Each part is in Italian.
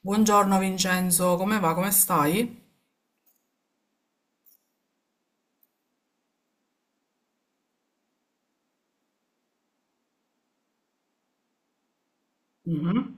Buongiorno Vincenzo, come va? Come stai? Mhm.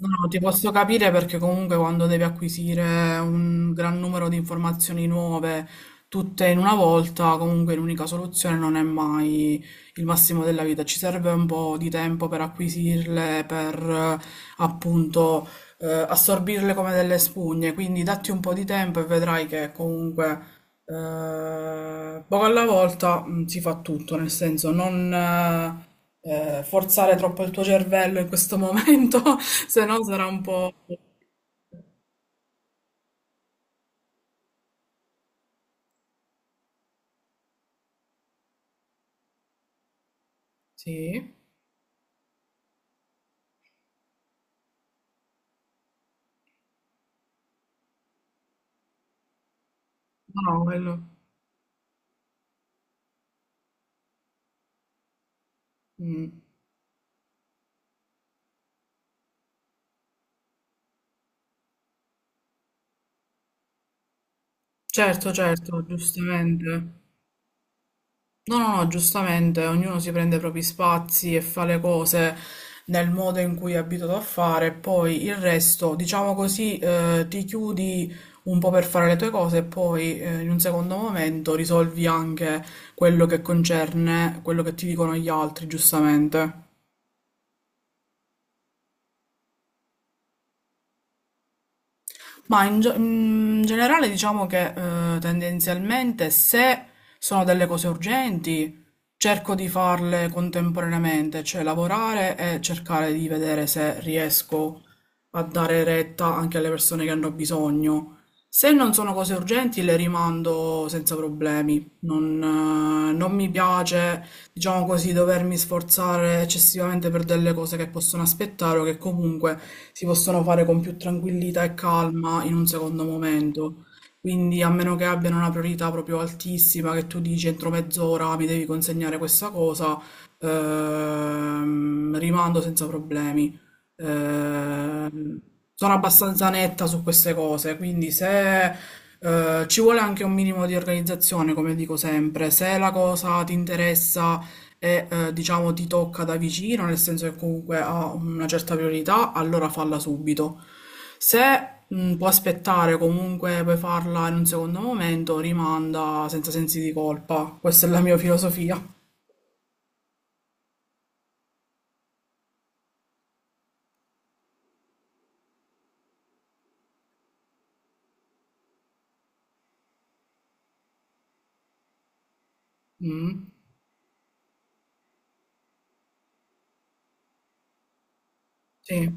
No, no, ti posso capire perché comunque quando devi acquisire un gran numero di informazioni nuove, tutte in una volta, comunque l'unica soluzione non è mai il massimo della vita. Ci serve un po' di tempo per acquisirle, per appunto assorbirle come delle spugne. Quindi datti un po' di tempo e vedrai che comunque poco alla volta si fa tutto, nel senso non forzare troppo il tuo cervello in questo momento, se no sarà un po'... Sì, no, quello... mm. Certo, certo, giustamente. No, no, no, giustamente, ognuno si prende i propri spazi e fa le cose nel modo in cui è abituato a fare, poi il resto, diciamo così, ti chiudi un po' per fare le tue cose e poi in un secondo momento risolvi anche quello che concerne quello che ti dicono gli altri, giustamente. In generale diciamo che tendenzialmente se sono delle cose urgenti cerco di farle contemporaneamente, cioè lavorare e cercare di vedere se riesco a dare retta anche alle persone che hanno bisogno. Se non sono cose urgenti le rimando senza problemi. Non mi piace, diciamo così, dovermi sforzare eccessivamente per delle cose che possono aspettare o che comunque si possono fare con più tranquillità e calma in un secondo momento. Quindi, a meno che abbiano una priorità proprio altissima, che tu dici entro mezz'ora mi devi consegnare questa cosa, rimando senza problemi. Ehm, Sono abbastanza netta su queste cose, quindi se ci vuole anche un minimo di organizzazione, come dico sempre, se la cosa ti interessa e diciamo ti tocca da vicino, nel senso che comunque ha una certa priorità, allora falla subito. Se può aspettare, comunque puoi farla in un secondo momento, rimanda senza sensi di colpa. Questa è la mia filosofia. Mm. Sì,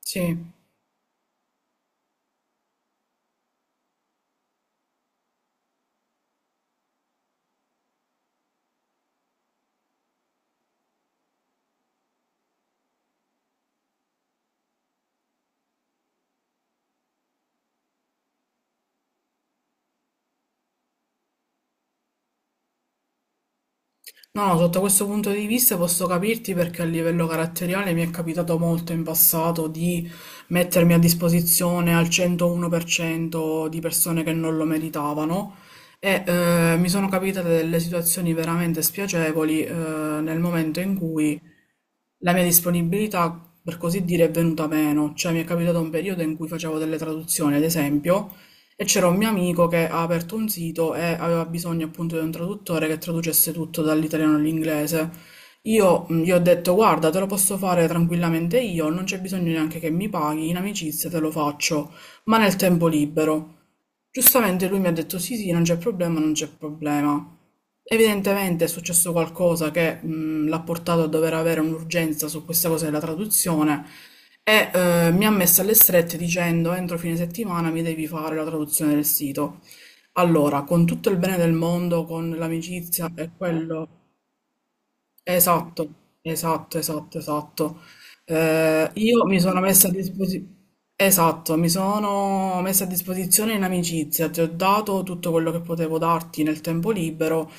sì. No, no, sotto questo punto di vista posso capirti perché a livello caratteriale mi è capitato molto in passato di mettermi a disposizione al 101% di persone che non lo meritavano e mi sono capitate delle situazioni veramente spiacevoli nel momento in cui la mia disponibilità, per così dire, è venuta meno, cioè mi è capitato un periodo in cui facevo delle traduzioni, ad esempio, e c'era un mio amico che ha aperto un sito e aveva bisogno appunto di un traduttore che traducesse tutto dall'italiano all'inglese. Io gli ho detto, guarda, te lo posso fare tranquillamente io, non c'è bisogno neanche che mi paghi, in amicizia te lo faccio, ma nel tempo libero. Giustamente lui mi ha detto sì, sì, non c'è problema, non c'è problema. Evidentemente è successo qualcosa che l'ha portato a dover avere un'urgenza su questa cosa della traduzione e mi ha messo alle strette dicendo entro fine settimana mi devi fare la traduzione del sito. Allora, con tutto il bene del mondo, con l'amicizia e quello. Esatto, esatto, esatto, esatto. Io mi sono messa a disposizione, esatto, mi sono messa a disposizione in amicizia, ti ho dato tutto quello che potevo darti nel tempo libero.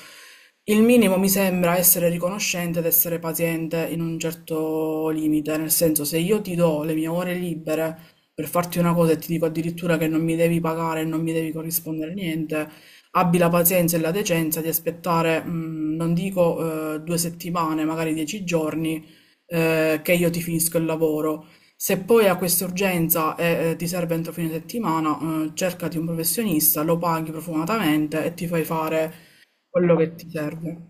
Il minimo mi sembra essere riconoscente ed essere paziente in un certo limite, nel senso se io ti do le mie ore libere per farti una cosa e ti dico addirittura che non mi devi pagare e non mi devi corrispondere niente, abbi la pazienza e la decenza di aspettare, mm, non dico due settimane, magari dieci giorni, che io ti finisco il lavoro. Se poi hai questa urgenza e ti serve entro fine settimana, cercati un professionista, lo paghi profumatamente e ti fai fare quello che ti serve.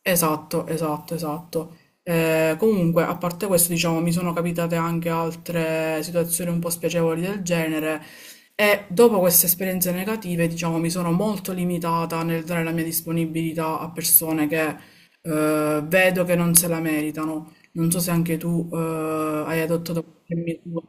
Esatto, esatto, esatto. Comunque, a parte questo, diciamo, mi sono capitate anche altre situazioni un po' spiacevoli del genere e dopo queste esperienze negative, diciamo, mi sono molto limitata nel dare la mia disponibilità a persone che vedo che non se la meritano. Non so se anche tu hai adottato qualche misura.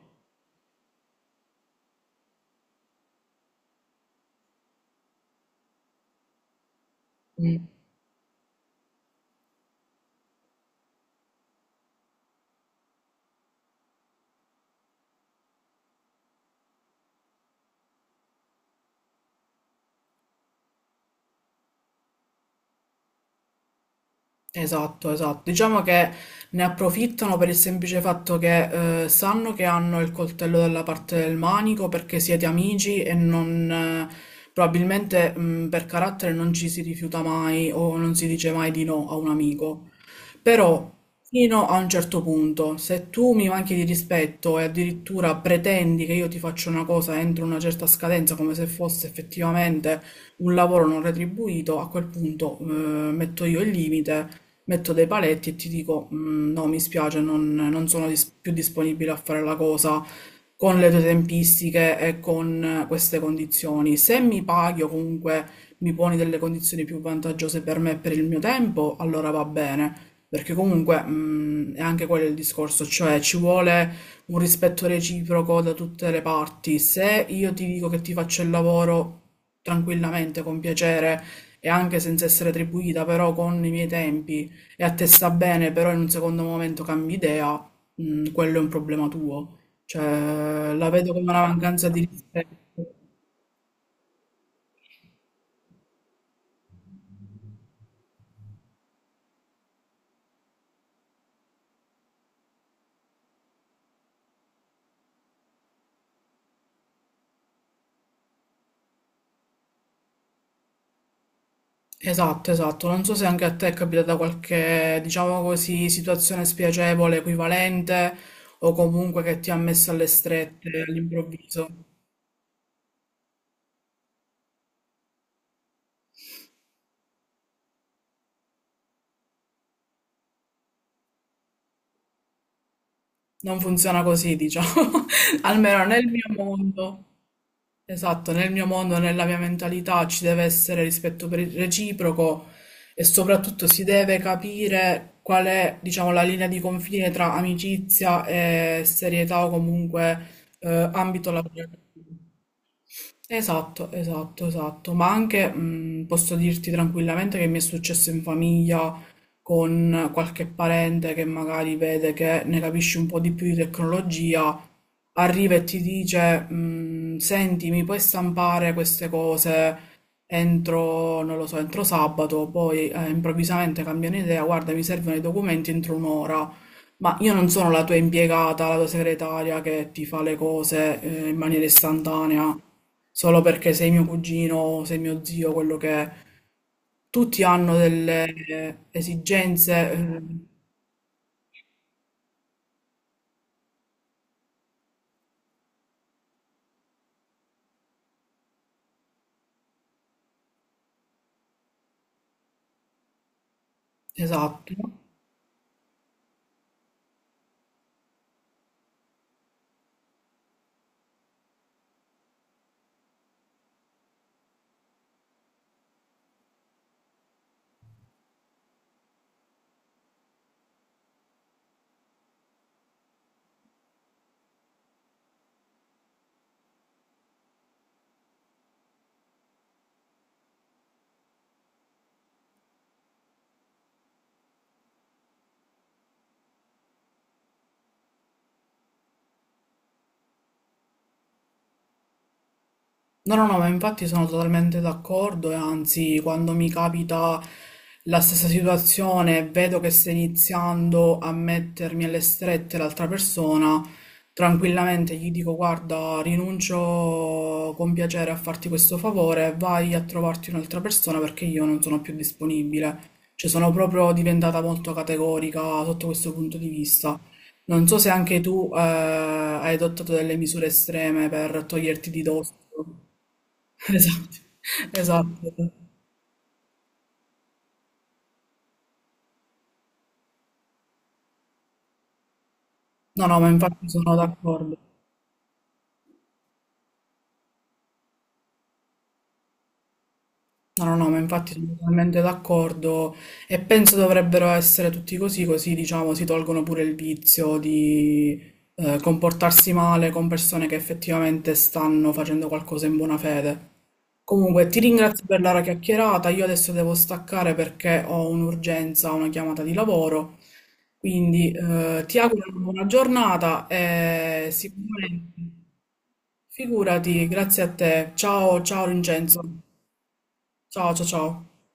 Esatto, esatto. Diciamo che ne approfittano per il semplice fatto che sanno che hanno il coltello dalla parte del manico perché siete amici e non, probabilmente per carattere non ci si rifiuta mai o non si dice mai di no a un amico. Però fino a un certo punto, se tu mi manchi di rispetto e addirittura pretendi che io ti faccia una cosa entro una certa scadenza, come se fosse effettivamente un lavoro non retribuito, a quel punto metto io il limite, metto dei paletti e ti dico "Mm, no, mi spiace, non, non sono dis- più disponibile a fare la cosa con le tue tempistiche e con queste condizioni. Se mi paghi o comunque mi poni delle condizioni più vantaggiose per me e per il mio tempo, allora va bene. Perché comunque, è anche quello il discorso, cioè ci vuole un rispetto reciproco da tutte le parti. Se io ti dico che ti faccio il lavoro tranquillamente, con piacere e anche senza essere attribuita, però con i miei tempi e a te sta bene, però in un secondo momento cambi idea, quello è un problema tuo. Cioè, la vedo come una mancanza di rispetto. Esatto, esatto. Non so se anche a te è capitata qualche, diciamo così, situazione spiacevole, equivalente, o comunque che ti ha messo alle strette all'improvviso. Non funziona così, diciamo. Almeno nel mio mondo. Esatto, nel mio mondo, nella mia mentalità ci deve essere rispetto per- il reciproco e soprattutto si deve capire qual è, diciamo, la linea di confine tra amicizia e serietà o comunque ambito lavorativo. Esatto, esatto, esatto, ma anche posso dirti tranquillamente che mi è successo in famiglia con qualche parente che magari vede che ne capisci un po' di più di tecnologia arriva e ti dice, "Mm, senti, mi puoi stampare queste cose entro, non lo so, entro sabato, poi improvvisamente cambiano idea, guarda, mi servono i documenti entro un'ora. Ma io non sono la tua impiegata, la tua segretaria che ti fa le cose in maniera istantanea, solo perché sei mio cugino, sei mio zio, quello che è. Tutti hanno delle esigenze, esatto. No, no, no, ma infatti sono totalmente d'accordo e anzi, quando mi capita la stessa situazione, e vedo che sta iniziando a mettermi alle strette l'altra persona, tranquillamente gli dico: Guarda, rinuncio con piacere a farti questo favore, vai a trovarti un'altra persona perché io non sono più disponibile. Cioè, sono proprio diventata molto categorica sotto questo punto di vista. Non so se anche tu hai adottato delle misure estreme per toglierti di dosso. Esatto, esatto. No, no, ma infatti sono d'accordo. No, no, no, ma infatti sono totalmente d'accordo e penso dovrebbero essere tutti così, così diciamo si tolgono pure il vizio di comportarsi male con persone che effettivamente stanno facendo qualcosa in buona fede. Comunque, ti ringrazio per la chiacchierata, io adesso devo staccare perché ho un'urgenza, una chiamata di lavoro, quindi ti auguro una buona giornata e sicuramente figurati, grazie a te. Ciao, ciao Vincenzo. Ciao, ciao, ciao.